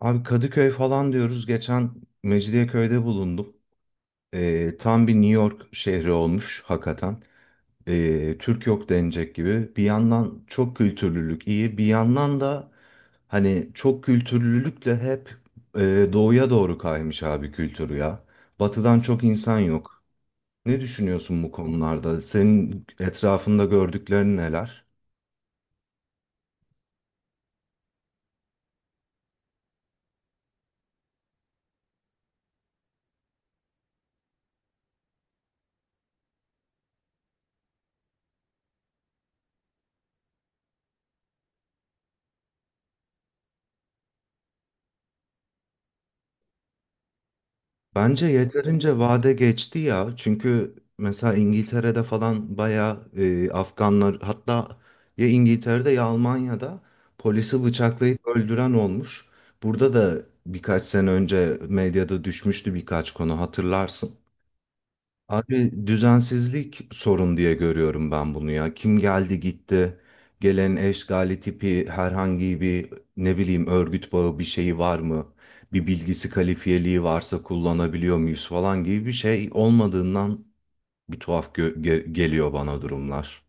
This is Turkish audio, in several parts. Abi Kadıköy falan diyoruz. Geçen Mecidiyeköy'de bulundum. Tam bir New York şehri olmuş hakikaten. Türk yok denecek gibi. Bir yandan çok kültürlülük iyi. Bir yandan da hani çok kültürlülükle hep doğuya doğru kaymış abi kültürü ya. Batıdan çok insan yok. Ne düşünüyorsun bu konularda? Senin etrafında gördüklerin neler? Bence yeterince vade geçti ya. Çünkü mesela İngiltere'de falan bayağı Afganlar hatta ya İngiltere'de ya Almanya'da polisi bıçaklayıp öldüren olmuş. Burada da birkaç sene önce medyada düşmüştü birkaç konu hatırlarsın. Abi düzensizlik sorun diye görüyorum ben bunu ya. Kim geldi gitti. Gelen eşgali tipi herhangi bir ne bileyim örgüt bağı bir şeyi var mı? Bir bilgisi kalifiyeliği varsa kullanabiliyor muyuz falan gibi bir şey olmadığından bir tuhaf geliyor bana durumlar.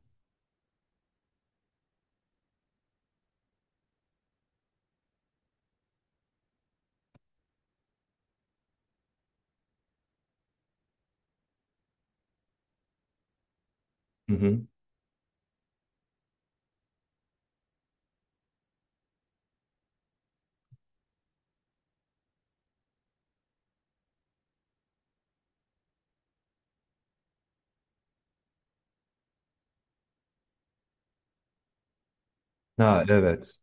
Hı hı. Ha evet.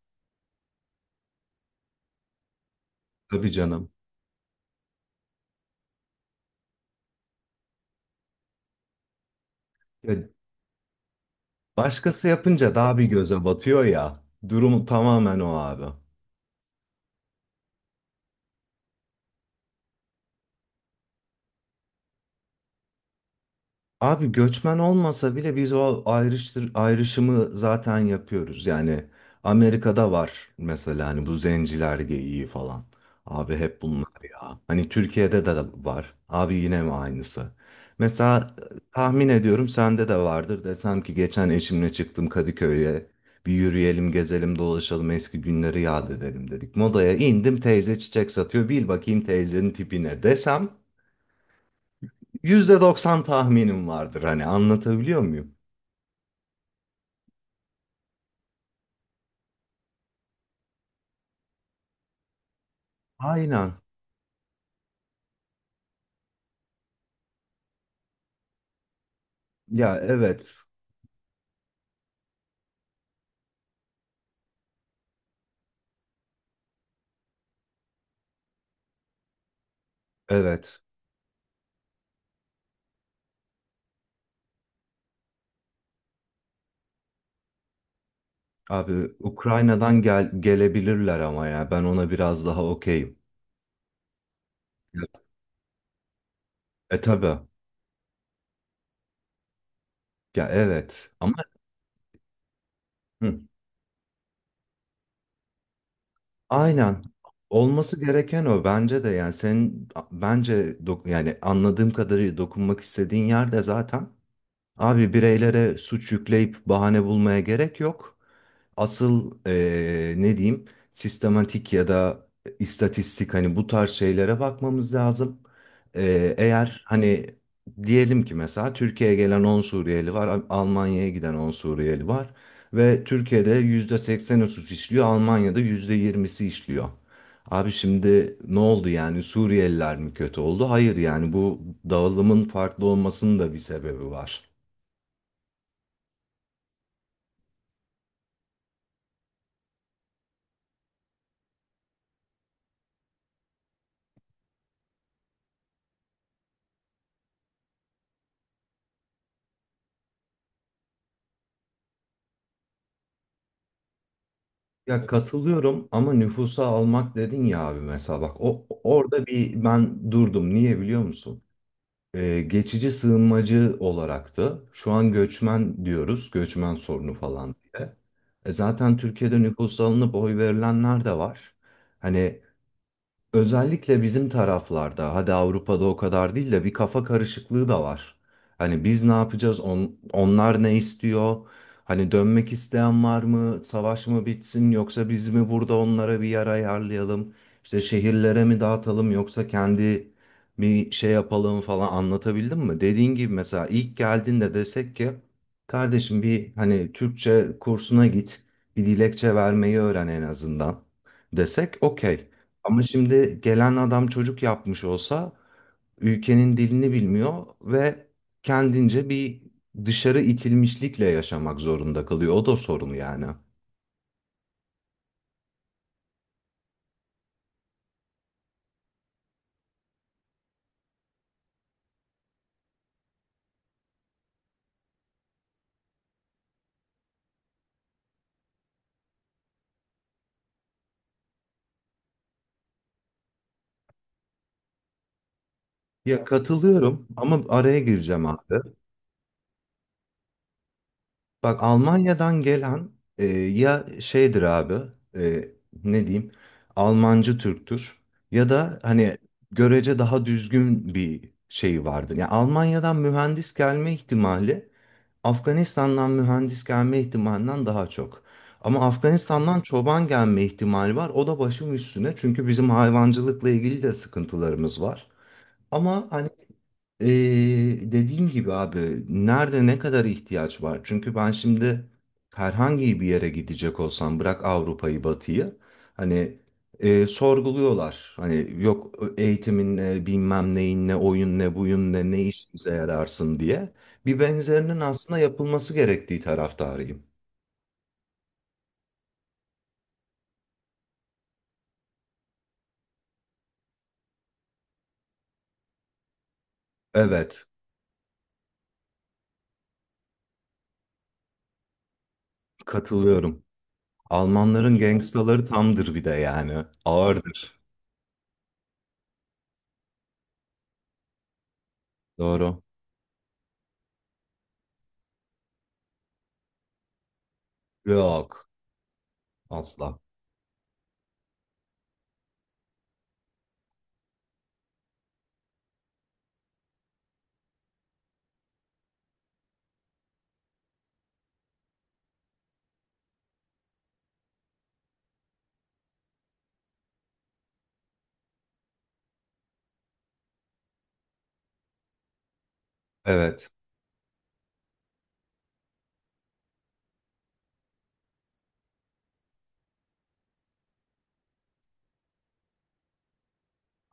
Tabii canım. Ya, başkası yapınca daha bir göze batıyor ya. Durumu tamamen o abi. Abi göçmen olmasa bile biz o ayrışımı zaten yapıyoruz. Yani Amerika'da var mesela hani bu zenciler geyiği falan. Abi hep bunlar ya. Hani Türkiye'de de var. Abi yine mi aynısı? Mesela tahmin ediyorum sende de vardır. Desem ki geçen eşimle çıktım Kadıköy'e. Bir yürüyelim, gezelim, dolaşalım, eski günleri yad edelim dedik. Modaya indim teyze çiçek satıyor. Bil bakayım teyzenin tipine desem %90 tahminim vardır, hani anlatabiliyor muyum? Aynen. Ya evet. Evet. Abi Ukrayna'dan gelebilirler ama ya ben ona biraz daha okeyim. Ya, e tabi, ya evet. Ama hı, aynen. Olması gereken o bence de, yani senin bence yani anladığım kadarıyla dokunmak istediğin yerde zaten. Abi bireylere suç yükleyip bahane bulmaya gerek yok. Asıl ne diyeyim, sistematik ya da istatistik, hani bu tarz şeylere bakmamız lazım. Eğer hani diyelim ki mesela Türkiye'ye gelen 10 Suriyeli var, Almanya'ya giden 10 Suriyeli var ve Türkiye'de %80'i suç işliyor, Almanya'da %20'si işliyor. Abi şimdi ne oldu yani, Suriyeliler mi kötü oldu? Hayır, yani bu dağılımın farklı olmasının da bir sebebi var. Ya katılıyorum ama nüfusa almak dedin ya abi, mesela bak, o orada bir ben durdum. Niye biliyor musun? Geçici sığınmacı olaraktı. Şu an göçmen diyoruz. Göçmen sorunu falan diye. E zaten Türkiye'de nüfusa alınıp oy verilenler de var. Hani özellikle bizim taraflarda, hadi Avrupa'da o kadar değil de bir kafa karışıklığı da var. Hani biz ne yapacağız, onlar ne istiyor? Hani dönmek isteyen var mı? Savaş mı bitsin yoksa biz mi burada onlara bir yer ayarlayalım? İşte şehirlere mi dağıtalım yoksa kendi bir şey yapalım falan, anlatabildim mi? Dediğin gibi mesela ilk geldiğinde desek ki kardeşim bir hani Türkçe kursuna git, bir dilekçe vermeyi öğren en azından, desek okey. Ama şimdi gelen adam çocuk yapmış olsa, ülkenin dilini bilmiyor ve kendince bir dışarı itilmişlikle yaşamak zorunda kalıyor. O da sorun yani. Ya katılıyorum ama araya gireceğim abi. Bak Almanya'dan gelen ya şeydir abi, e, ne diyeyim, Almancı Türktür ya da hani görece daha düzgün bir şey vardır. Yani Almanya'dan mühendis gelme ihtimali Afganistan'dan mühendis gelme ihtimalinden daha çok. Ama Afganistan'dan çoban gelme ihtimali var. O da başım üstüne çünkü bizim hayvancılıkla ilgili de sıkıntılarımız var. Ama hani ee, dediğim gibi abi, nerede ne kadar ihtiyaç var? Çünkü ben şimdi herhangi bir yere gidecek olsam, bırak Avrupa'yı Batı'yı, hani sorguluyorlar. Hani yok eğitimin ne bilmem neyin, ne oyun ne buyun, ne ne işimize yararsın diye. Bir benzerinin aslında yapılması gerektiği taraftarıyım. Evet, katılıyorum. Almanların gangstaları tamdır bir de, yani ağırdır. Doğru. Yok asla. Evet.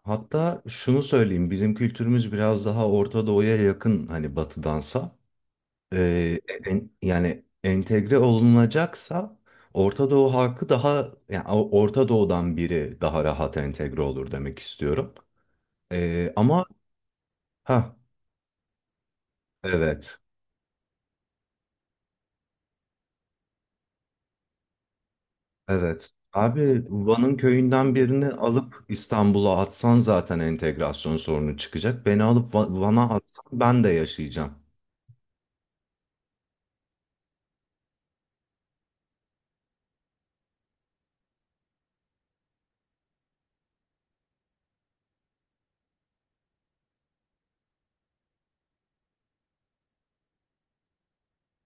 Hatta şunu söyleyeyim, bizim kültürümüz biraz daha Orta Doğu'ya yakın hani Batı'dansa. Yani entegre olunacaksa Orta Doğu halkı daha, yani Orta Doğu'dan biri daha rahat entegre olur demek istiyorum. Ama ha evet, evet. Abi Van'ın köyünden birini alıp İstanbul'a atsan zaten entegrasyon sorunu çıkacak. Beni alıp Van'a atsan ben de yaşayacağım.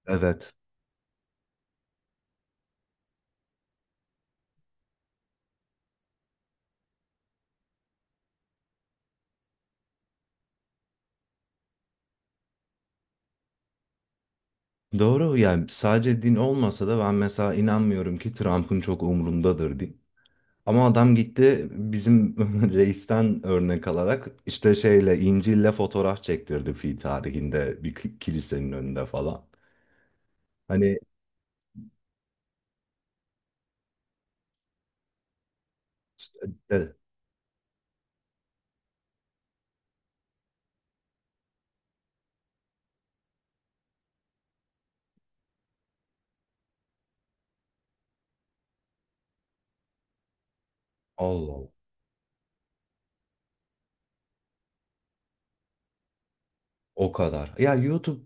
Evet. Doğru, yani sadece din olmasa da ben mesela inanmıyorum ki Trump'ın çok umrundadır din. Ama adam gitti, bizim reisten örnek alarak işte şeyle İncil'le fotoğraf çektirdi fi tarihinde bir kilisenin önünde falan. Hani e, Allah Allah, o kadar. Ya YouTube,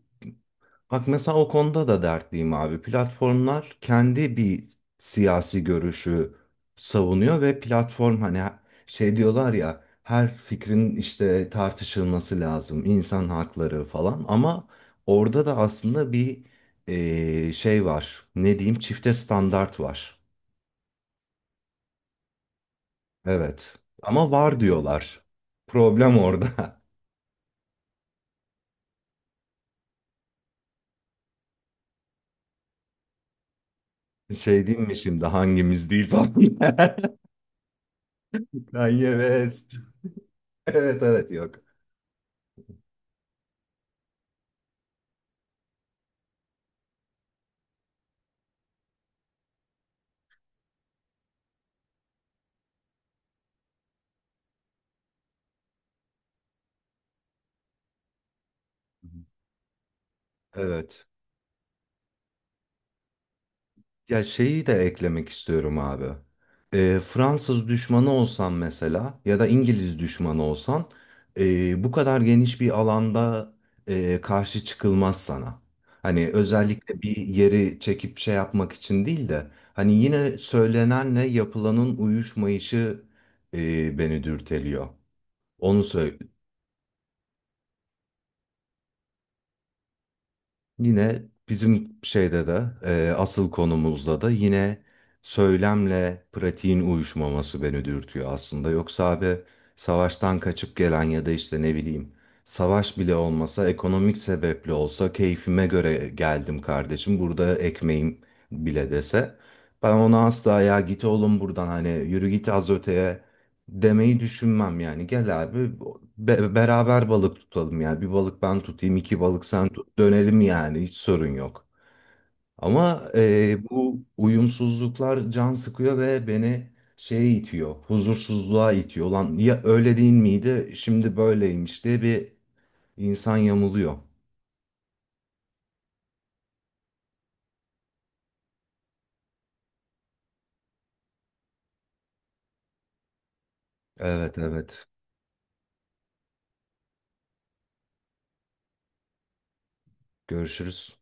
bak mesela o konuda da dertliyim abi. Platformlar kendi bir siyasi görüşü savunuyor ve platform hani şey diyorlar ya, her fikrin işte tartışılması lazım, insan hakları falan, ama orada da aslında bir şey var. Ne diyeyim? Çifte standart var. Evet. Ama var diyorlar. Problem orada. Şey diyeyim mi şimdi, hangimiz değil falan. Kanye West. Evet evet, yok. Evet. Ya şeyi de eklemek istiyorum abi. Fransız düşmanı olsan mesela ya da İngiliz düşmanı olsan, bu kadar geniş bir alanda karşı çıkılmaz sana. Hani özellikle bir yeri çekip şey yapmak için değil de, hani yine söylenenle yapılanın uyuşmayışı beni dürteliyor. Onu söyle. Yine bizim şeyde de asıl konumuzda da yine söylemle pratiğin uyuşmaması beni dürtüyor aslında. Yoksa abi, savaştan kaçıp gelen ya da işte ne bileyim, savaş bile olmasa ekonomik sebeple olsa, keyfime göre geldim kardeşim burada ekmeğim bile dese, ben ona asla ya git oğlum buradan, hani yürü git az öteye demeyi düşünmem yani. Gel abi, beraber balık tutalım yani. Bir balık ben tutayım, iki balık sen tut. Dönelim, yani hiç sorun yok. Ama bu uyumsuzluklar can sıkıyor ve beni şeye itiyor. Huzursuzluğa itiyor. Lan ya öyle değil miydi? Şimdi böyleymiş diye bir insan yamuluyor. Evet evet. Görüşürüz.